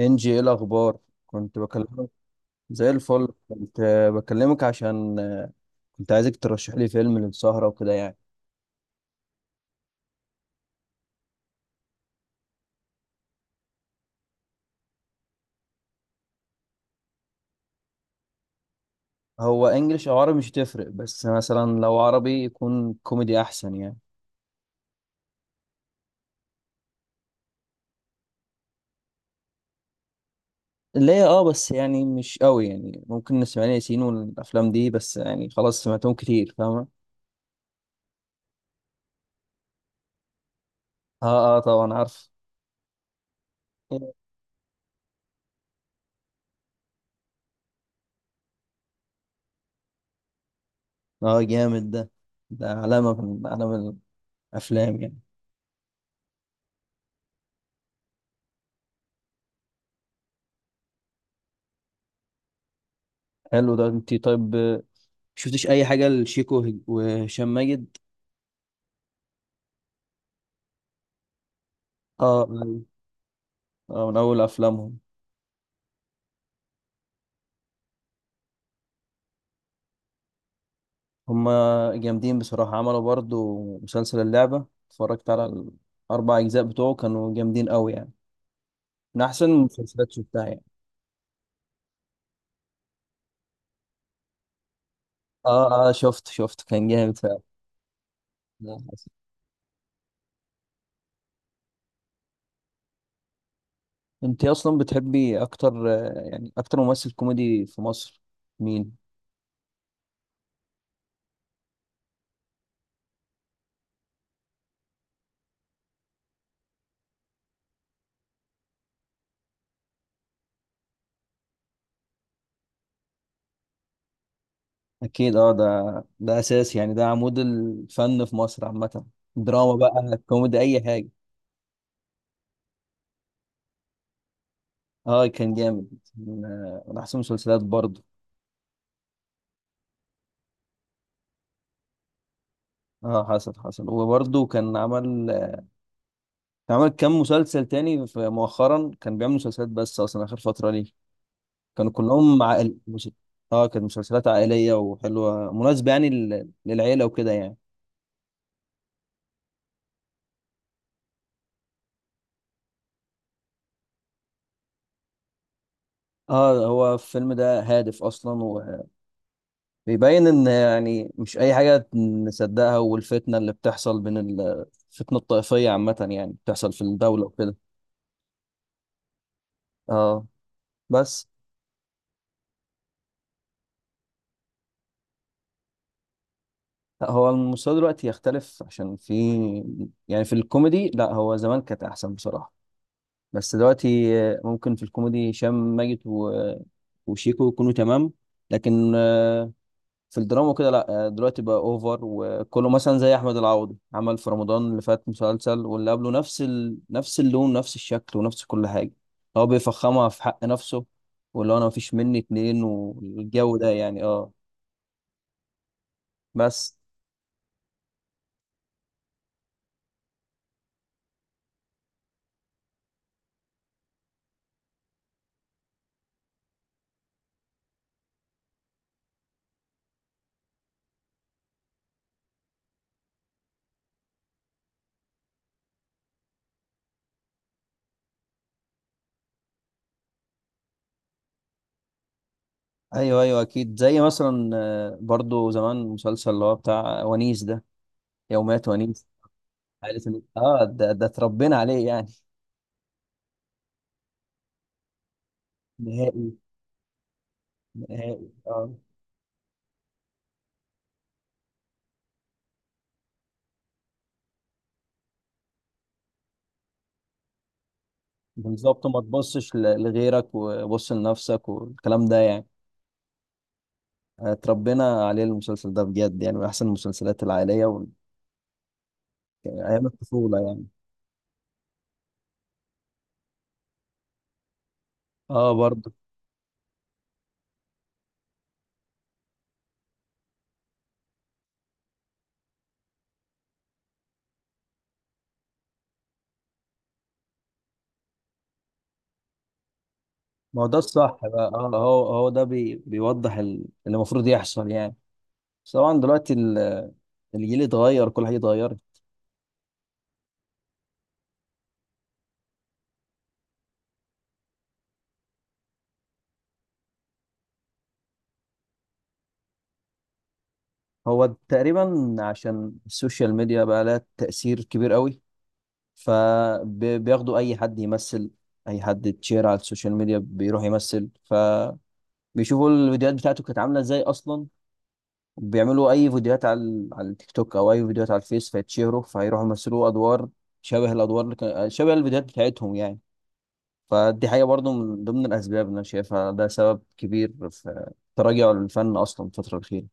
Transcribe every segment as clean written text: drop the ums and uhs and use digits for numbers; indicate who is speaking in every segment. Speaker 1: انجي، ايه الاخبار؟ كنت بكلمك. زي الفل. كنت بكلمك عشان كنت عايزك ترشح لي فيلم للسهرة وكده يعني. هو انجليش او عربي مش تفرق، بس مثلا لو عربي يكون كوميدي احسن يعني. اللي هي اه، بس يعني مش قوي يعني، ممكن نسمع لي ياسين والافلام دي، بس يعني خلاص سمعتهم كتير، فاهمة. اه، اه، طبعا عارف. اه، جامد ده علامة من علامة الافلام يعني. حلو ده. انت طيب؟ شفتش اي حاجة لشيكو وهشام ماجد؟ اه. من أول أفلامهم. هما جامدين بصراحة، عملوا برضو مسلسل اللعبة، اتفرجت على الأربع أجزاء بتوعه، كانوا جامدين أوي يعني، من أحسن المسلسلات شفتها يعني. آه آه، شفت، كان جامد فعلا. لا، حسن. أنت أصلا بتحبي أكتر يعني أكتر ممثل كوميدي في مصر مين؟ أكيد، أه، ده أساس يعني، ده عمود الفن في مصر عامة، دراما بقى، كوميدي، أي حاجة. أه كان جامد، من من أحسن المسلسلات برضه. اه، حصل وبرضه كان عمل، عمل كام مسلسل تاني مؤخرا كان بيعمل مسلسلات بس، اصلا اخر فتره ليه كانوا كلهم عائل مش... اه كانت مسلسلات عائليه وحلوه، مناسبه يعني للعيله وكده يعني. اه، هو الفيلم ده هادف اصلا، وبيبين ان يعني مش اي حاجه نصدقها، والفتنه اللي بتحصل بين الفتنه الطائفيه عامه يعني بتحصل في الدوله وكده. اه، بس. لا، هو المستوى دلوقتي يختلف، عشان في يعني في الكوميدي لا، هو زمان كانت احسن بصراحه، بس دلوقتي ممكن في الكوميدي هشام ماجد وشيكو يكونوا تمام، لكن في الدراما كده لا، دلوقتي بقى اوفر، وكله مثلا زي احمد العوضي، عمل في رمضان اللي فات مسلسل واللي قبله نفس نفس اللون، نفس الشكل، ونفس كل حاجه، هو بيفخمها في حق نفسه، واللي هو انا مفيش مني اتنين والجو ده يعني، اه بس. ايوه، ايوه اكيد، زي مثلا برضو زمان مسلسل اللي هو بتاع ونيس ده، يوميات ونيس، عائلة ونيس. اه، ده اتربينا عليه يعني. نهائي، نهائي، اه. بالظبط، ما تبصش لغيرك وبص لنفسك، والكلام ده يعني اتربينا عليه المسلسل ده بجد، يعني من احسن المسلسلات العائليه يعني ايام الطفوله يعني. اه، برضه. ما هو ده الصح بقى، اه، هو ده بيوضح اللي المفروض يحصل يعني. بس طبعا دلوقتي الجيل اتغير، كل حاجه اتغيرت. هو تقريبا عشان السوشيال ميديا بقى لها تاثير كبير قوي، فبياخدوا اي حد يمثل، اي حد تشير على السوشيال ميديا بيروح يمثل، فبيشوفوا الفيديوهات بتاعته كانت عامله ازاي اصلا، بيعملوا اي فيديوهات على على التيك توك او اي فيديوهات على الفيس، فيتشهروا فيروحوا يمثلوا ادوار شبه الادوار اللي كان شبه الفيديوهات بتاعتهم يعني. فدي حاجه برضو من ضمن الاسباب اللي انا شايفها ده سبب كبير في تراجع الفن اصلا الفتره الاخيره.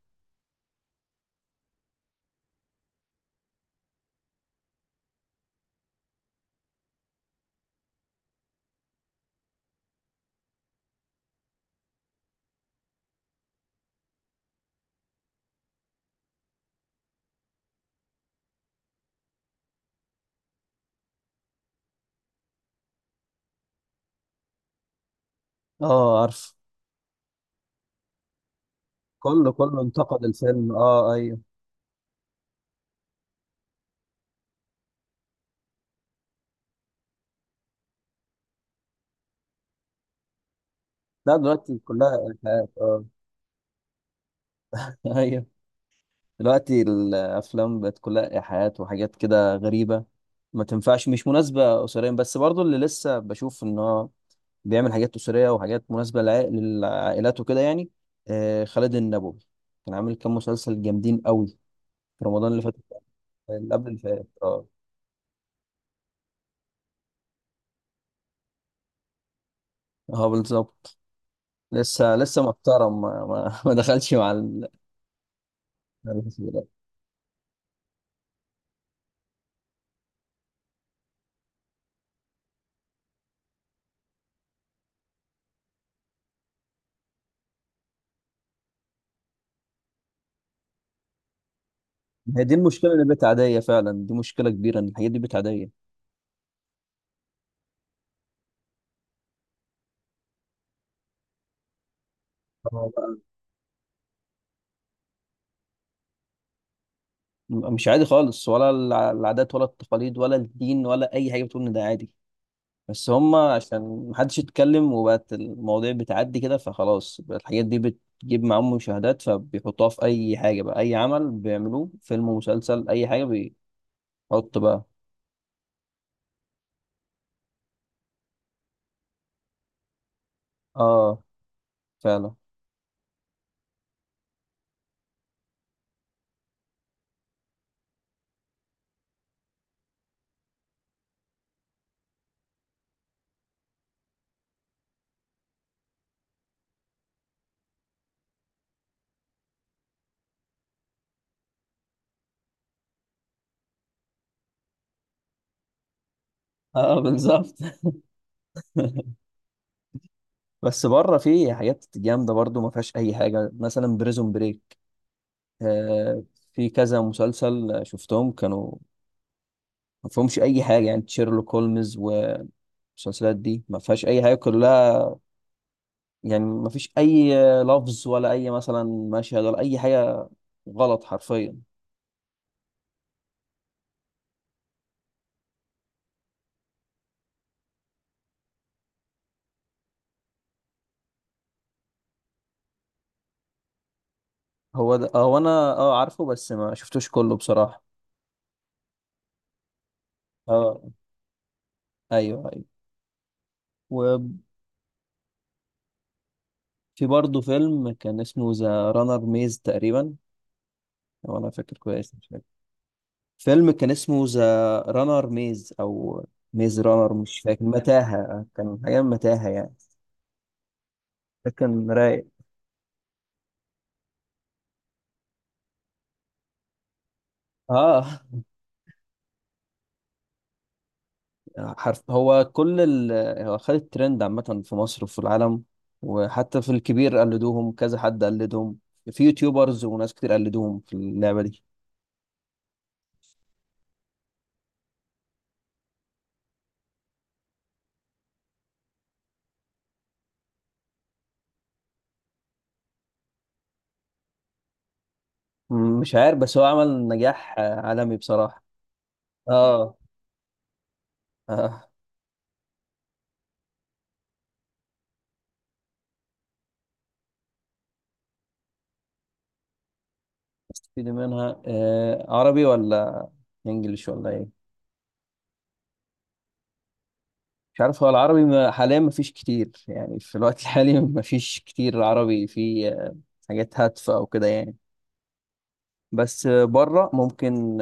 Speaker 1: اه، عارف. كله انتقد الفيلم، اه ايوه. لا، دلوقتي كلها إلحاد، اه. ايوه. دلوقتي الافلام بقت كلها ايحاءات وحاجات كده غريبه، ما تنفعش، مش مناسبه اسريا، بس برضو اللي لسه بشوف ان هو بيعمل حاجات اسريه وحاجات مناسبه للعائلات وكده يعني، آه خالد النبوي، كان عامل كام مسلسل جامدين قوي في رمضان اللي فات، اللي قبل اللي فات، اه. اه بالظبط. لسه لسه محترم، ما, ما, ما دخلش مع مع الناس دلوقتي. هي دي المشكله، اللي بقت عاديه فعلا، دي مشكله كبيره ان الحاجات دي بقت عاديه. مش عادي خالص، ولا العادات ولا التقاليد ولا الدين ولا اي حاجه بتقول ان ده عادي، بس هم عشان محدش يتكلم وبقت المواضيع بتعدي كده فخلاص، بقت الحاجات دي بتجيب معاهم مشاهدات، فبيحطوها في اي حاجه بقى، اي عمل بيعملوه فيلم ومسلسل اي حاجه، بيحط بقى. اه، فعلا. اه بالظبط. بس بره في حاجات جامده برضو ما فيهاش اي حاجه، مثلا بريزون بريك، آه، في كذا مسلسل شفتهم كانوا ما فيهمش اي حاجه، يعني شيرلوك هولمز، المسلسلات دي ما فيهاش اي حاجه كلها، يعني ما فيش اي لفظ ولا اي مثلا مشهد ولا اي حاجه غلط حرفيا. هو ده، هو انا اه عارفه، بس ما شفتوش كله بصراحه. اه، ايوه ايوه. وفي برضه فيلم كان اسمه ذا رانر ميز تقريبا، لو انا فاكر كويس، مش فاكر، فيلم كان اسمه ذا رانر ميز او ميز رانر، مش فاكر، متاهه، كان حاجه متاهه يعني. ده كان رايق. اه. حرف، هو كل هو خد الترند عامة في مصر وفي العالم، وحتى في الكبير قلدوهم، كذا حد قلدهم، في يوتيوبرز وناس كتير قلدوهم في اللعبة دي. مش عارف، بس هو عمل نجاح عالمي بصراحة. اه. اه، استفيد منها. آه. عربي ولا انجليش ولا ايه؟ مش عارف، هو العربي حاليا مفيش كتير يعني، في الوقت الحالي مفيش كتير عربي في حاجات هادفة او كده يعني، بس بره ممكن.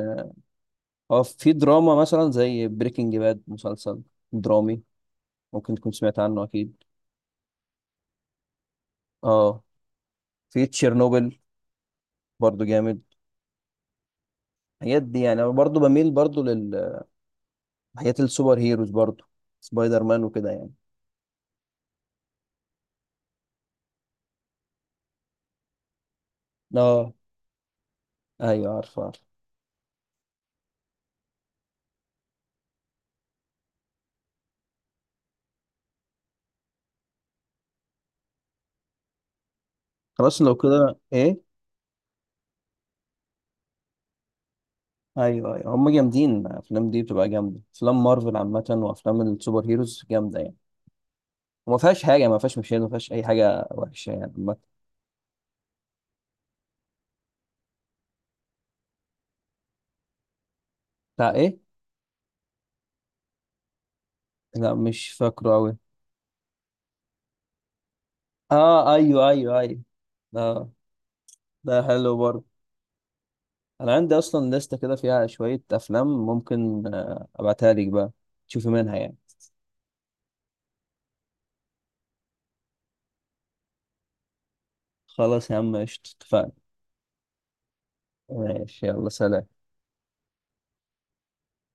Speaker 1: اه، في دراما مثلا زي بريكنج باد، مسلسل درامي، ممكن تكون سمعت عنه اكيد. اه، في تشيرنوبل برضو جامد. الحاجات دي يعني انا برضو بميل برضو للحاجات السوبر هيروز برضو، سبايدر مان وكده يعني. اه، ايوه عارف عارف. خلاص، لو كده ايه؟ ايوه ايوه، هم جامدين الافلام دي، بتبقى جامده افلام مارفل عامه، وافلام السوبر هيروز جامده يعني، وما فيهاش حاجه، ما فيهاش مشاهد، ما فيهاش اي حاجه وحشه يعني عامة. بتاع ايه؟ لا، مش فاكره قوي. اه ايوه ايوه ايوه، اه. ده حلو برضه. انا عندي اصلا لستة كده فيها شوية افلام، ممكن ابعتها لك بقى، تشوفي منها يعني. خلاص يا عم قشطة، اتفقنا. ماشي، يلا، سلام.